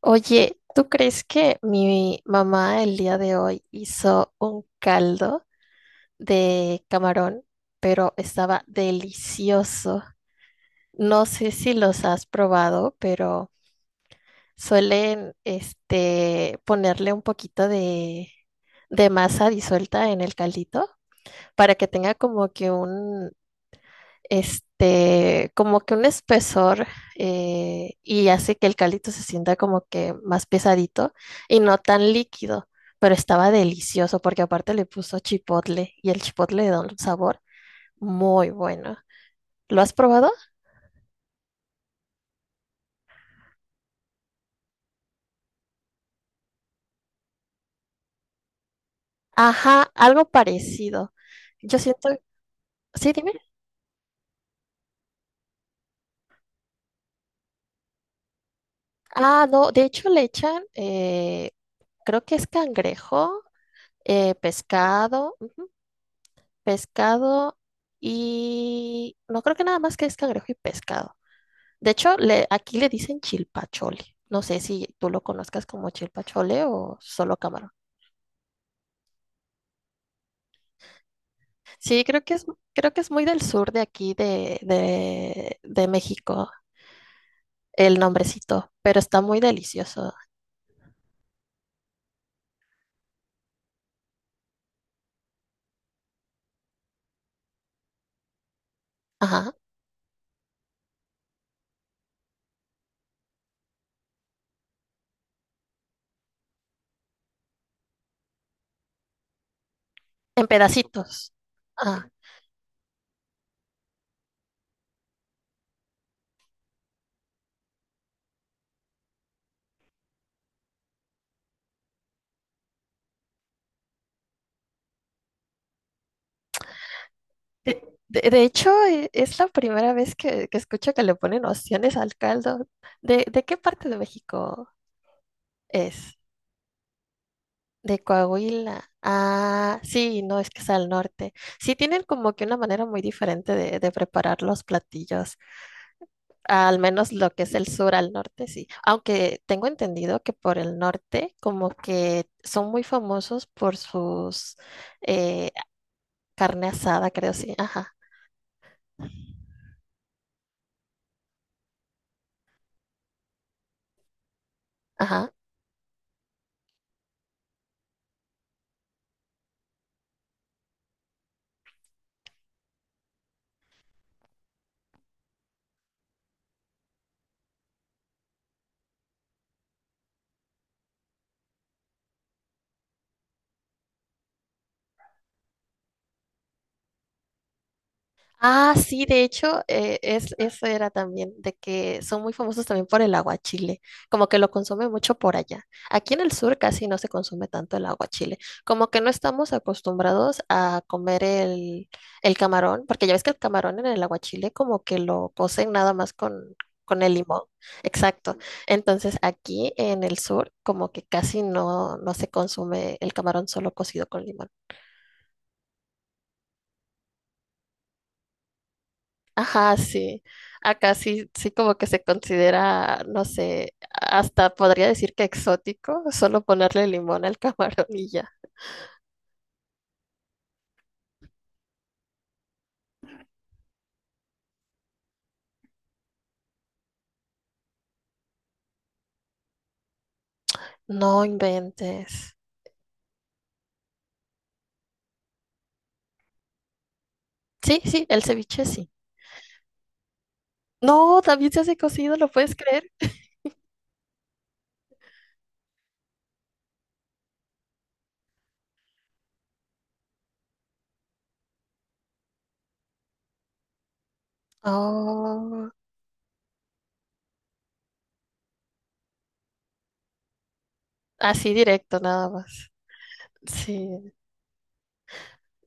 Oye, ¿tú crees que mi mamá el día de hoy hizo un caldo de camarón, pero estaba delicioso? No sé si los has probado, pero suelen ponerle un poquito de masa disuelta en el caldito para que tenga como que un como que un espesor y hace que el caldito se sienta como que más pesadito y no tan líquido, pero estaba delicioso porque aparte le puso chipotle y el chipotle le da un sabor muy bueno. ¿Lo has probado? Ajá, algo parecido. Yo siento, sí, dime. Ah, no, de hecho le echan, creo que es cangrejo, pescado. Pescado y no creo que nada más que es cangrejo y pescado. De hecho, aquí le dicen chilpachole. No sé si tú lo conozcas como chilpachole o solo camarón. Sí, creo que es muy del sur de aquí de México el nombrecito, pero está muy delicioso. Ajá, en pedacitos. Ah, de, de hecho, es la primera vez que escucho que le ponen opciones al caldo. De qué parte de México es? De Coahuila. Ah, sí, no, es que es al norte. Sí, tienen como que una manera muy diferente de preparar los platillos, al menos lo que es el sur al norte, sí. Aunque tengo entendido que por el norte como que son muy famosos por sus eh, carne asada, creo, sí. Ajá, ajá. Ah, sí, de hecho, es, eso era también, de que son muy famosos también por el aguachile, como que lo consume mucho por allá. Aquí en el sur casi no se consume tanto el aguachile, como que no estamos acostumbrados a comer el camarón, porque ya ves que el camarón en el aguachile como que lo cocen nada más con el limón. Exacto. Entonces aquí en el sur como que casi no, no se consume el camarón solo cocido con limón. Ajá, sí. Acá sí, sí como que se considera, no sé, hasta podría decir que exótico, solo ponerle limón al camarón y ya. No inventes. Sí, sí, el ceviche sí. No, también se hace cocido, ¿lo puedes creer? Oh, así directo nada más. Sí.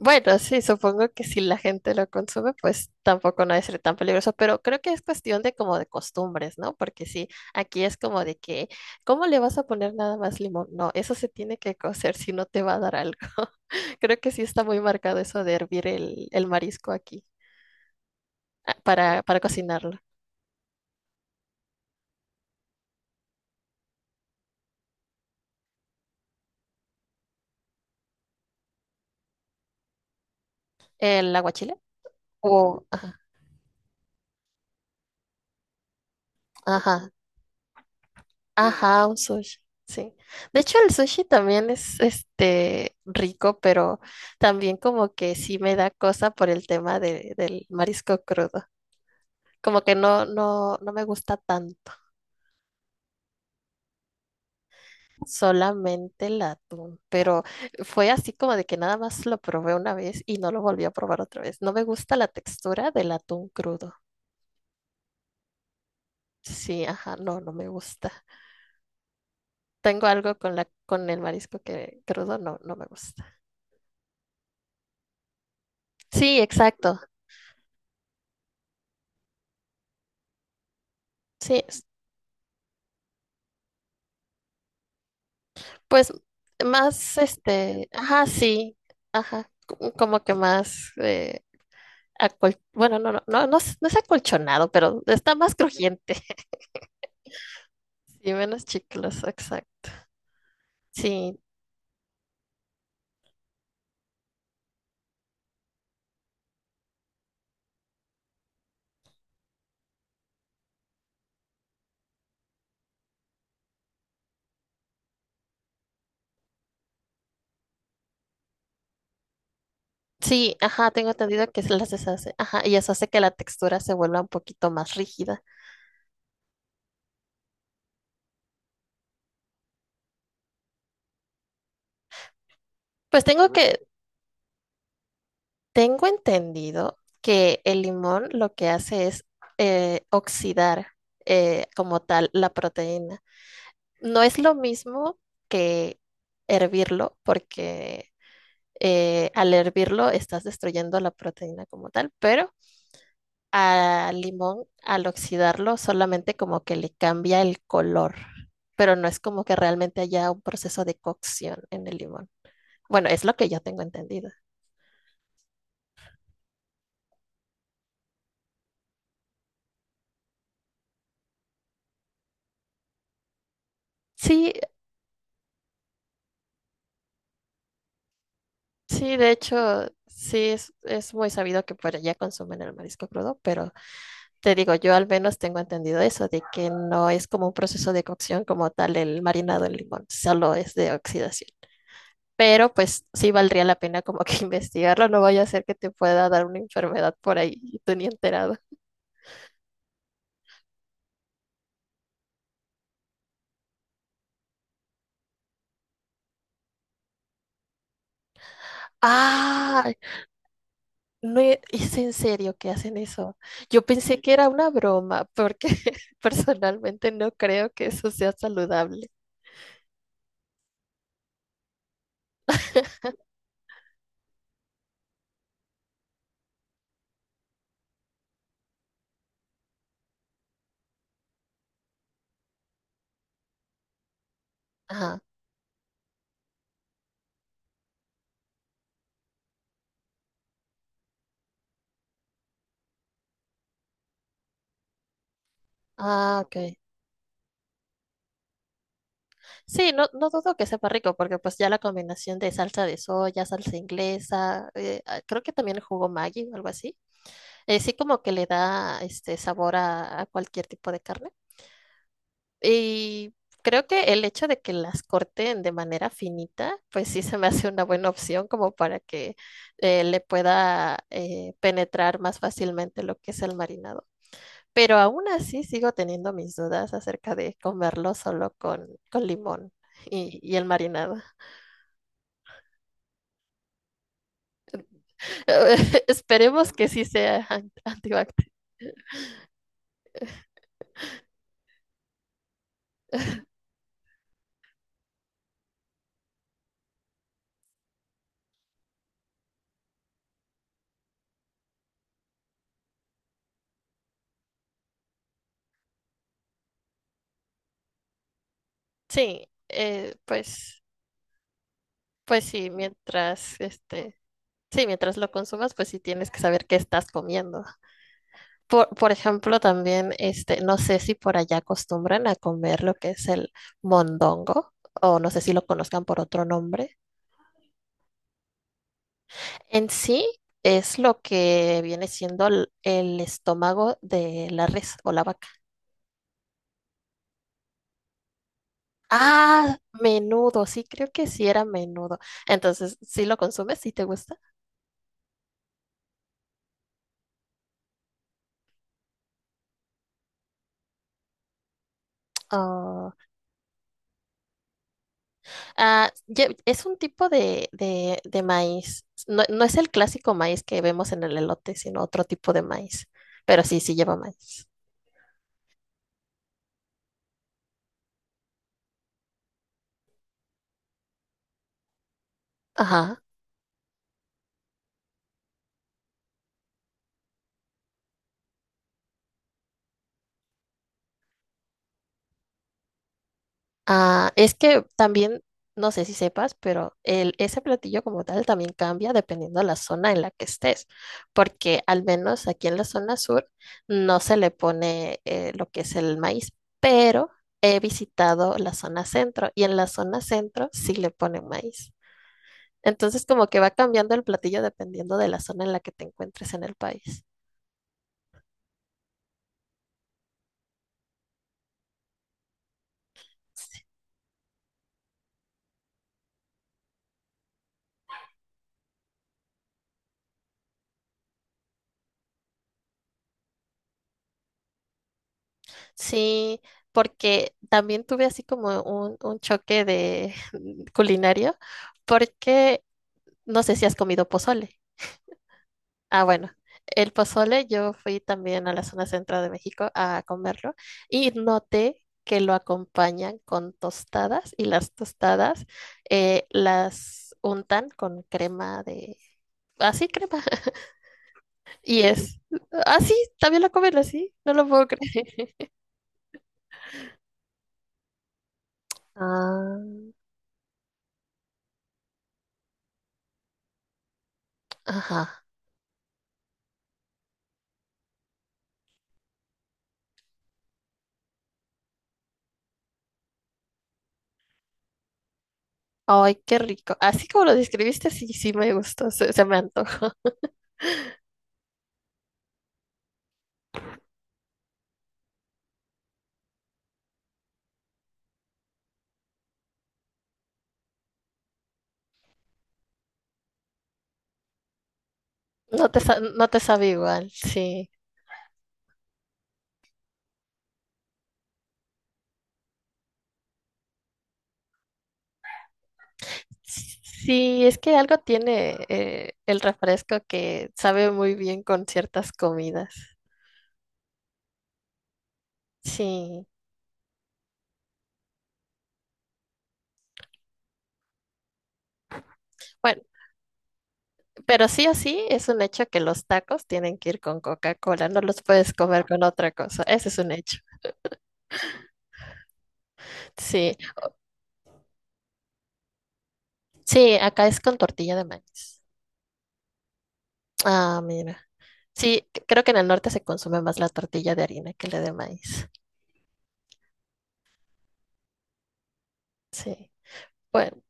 Bueno, sí, supongo que si la gente lo consume, pues tampoco no debe ser tan peligroso, pero creo que es cuestión de como de costumbres, ¿no? Porque sí, aquí es como ¿cómo le vas a poner nada más limón? No, eso se tiene que cocer si no te va a dar algo. Creo que sí está muy marcado eso de hervir el marisco aquí ah, para cocinarlo. ¿El aguachile? O, ajá, ajá, Ajá, un sushi, sí. De hecho, el sushi también es rico, pero también como que sí me da cosa por el tema del marisco crudo. Como que no me gusta tanto, solamente el atún. Pero fue así como de que nada más lo probé una vez y no lo volví a probar otra vez. No me gusta la textura del atún crudo. Sí, ajá, no me gusta. Tengo algo con con el marisco que crudo no me gusta. Sí, exacto. Sí, Pues más, ajá, sí, ajá, como que más, bueno, es no es acolchonado, pero está más crujiente, sí, menos chicloso, exacto. Sí, sí, ajá, tengo entendido que se las deshace, ajá, y eso hace que la textura se vuelva un poquito más rígida. Pues tengo que, tengo entendido que el limón lo que hace es oxidar como tal la proteína. No es lo mismo que hervirlo, porque al hervirlo estás destruyendo la proteína como tal, pero al limón, al oxidarlo, solamente como que le cambia el color, pero no es como que realmente haya un proceso de cocción en el limón. Bueno, es lo que yo tengo entendido. Sí, sí, de hecho, sí, es muy sabido que por allá consumen el marisco crudo, pero te digo, yo al menos tengo entendido eso, de que no es como un proceso de cocción como tal el marinado en limón, solo es de oxidación. Pero pues sí valdría la pena como que investigarlo, no vaya a ser que te pueda dar una enfermedad por ahí y tú ni enterado. Ah, no es en serio que hacen eso. Yo pensé que era una broma, porque personalmente no creo que eso sea saludable. Ajá. Ah, ok. Sí, no, no dudo que sepa rico, porque pues ya la combinación de salsa de soya, salsa inglesa, creo que también jugo Maggi o algo así, sí como que le da este sabor a cualquier tipo de carne. Y creo que el hecho de que las corten de manera finita, pues sí se me hace una buena opción como para que le pueda penetrar más fácilmente lo que es el marinado. Pero aún así sigo teniendo mis dudas acerca de comerlo solo con limón y el marinado. Esperemos que sí sea antivax. Sí, pues, pues sí, mientras este, sí, mientras lo consumas, pues sí tienes que saber qué estás comiendo. Por ejemplo, también, no sé si por allá acostumbran a comer lo que es el mondongo, o no sé si lo conozcan por otro nombre. En sí es lo que viene siendo el estómago de la res o la vaca. Ah, menudo, sí, creo que sí era menudo. Entonces, ¿sí lo consumes? ¿Sí te gusta? Ah, ah, es un tipo de maíz. No, no es el clásico maíz que vemos en el elote, sino otro tipo de maíz. Pero sí, sí lleva maíz. Ajá. Ah, es que también, no sé si sepas, pero el, ese platillo como tal también cambia dependiendo de la zona en la que estés, porque al menos aquí en la zona sur no se le pone lo que es el maíz, pero he visitado la zona centro y en la zona centro sí le ponen maíz. Entonces como que va cambiando el platillo dependiendo de la zona en la que te encuentres en el país. Sí, porque también tuve así como un choque de culinario, porque no sé si has comido pozole. Ah, bueno, el pozole yo fui también a la zona central de México a comerlo y noté que lo acompañan con tostadas y las tostadas las untan con crema de... Así, crema. Y es... Ah, sí, también lo comen así, no lo puedo creer. Ah, ajá. Ay, qué rico. Así como lo describiste, sí, sí me gustó, se me antojó. No te sabe igual, sí. Sí, es que algo tiene el refresco que sabe muy bien con ciertas comidas. Sí. Bueno, pero sí o sí es un hecho que los tacos tienen que ir con Coca-Cola, no los puedes comer con otra cosa, ese es un hecho. Sí, sí, acá es con tortilla de maíz. Ah, mira. Sí, creo que en el norte se consume más la tortilla de harina que la de maíz. Sí. Bueno.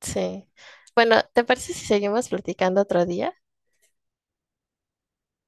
Sí. Bueno, ¿te parece si seguimos platicando otro día?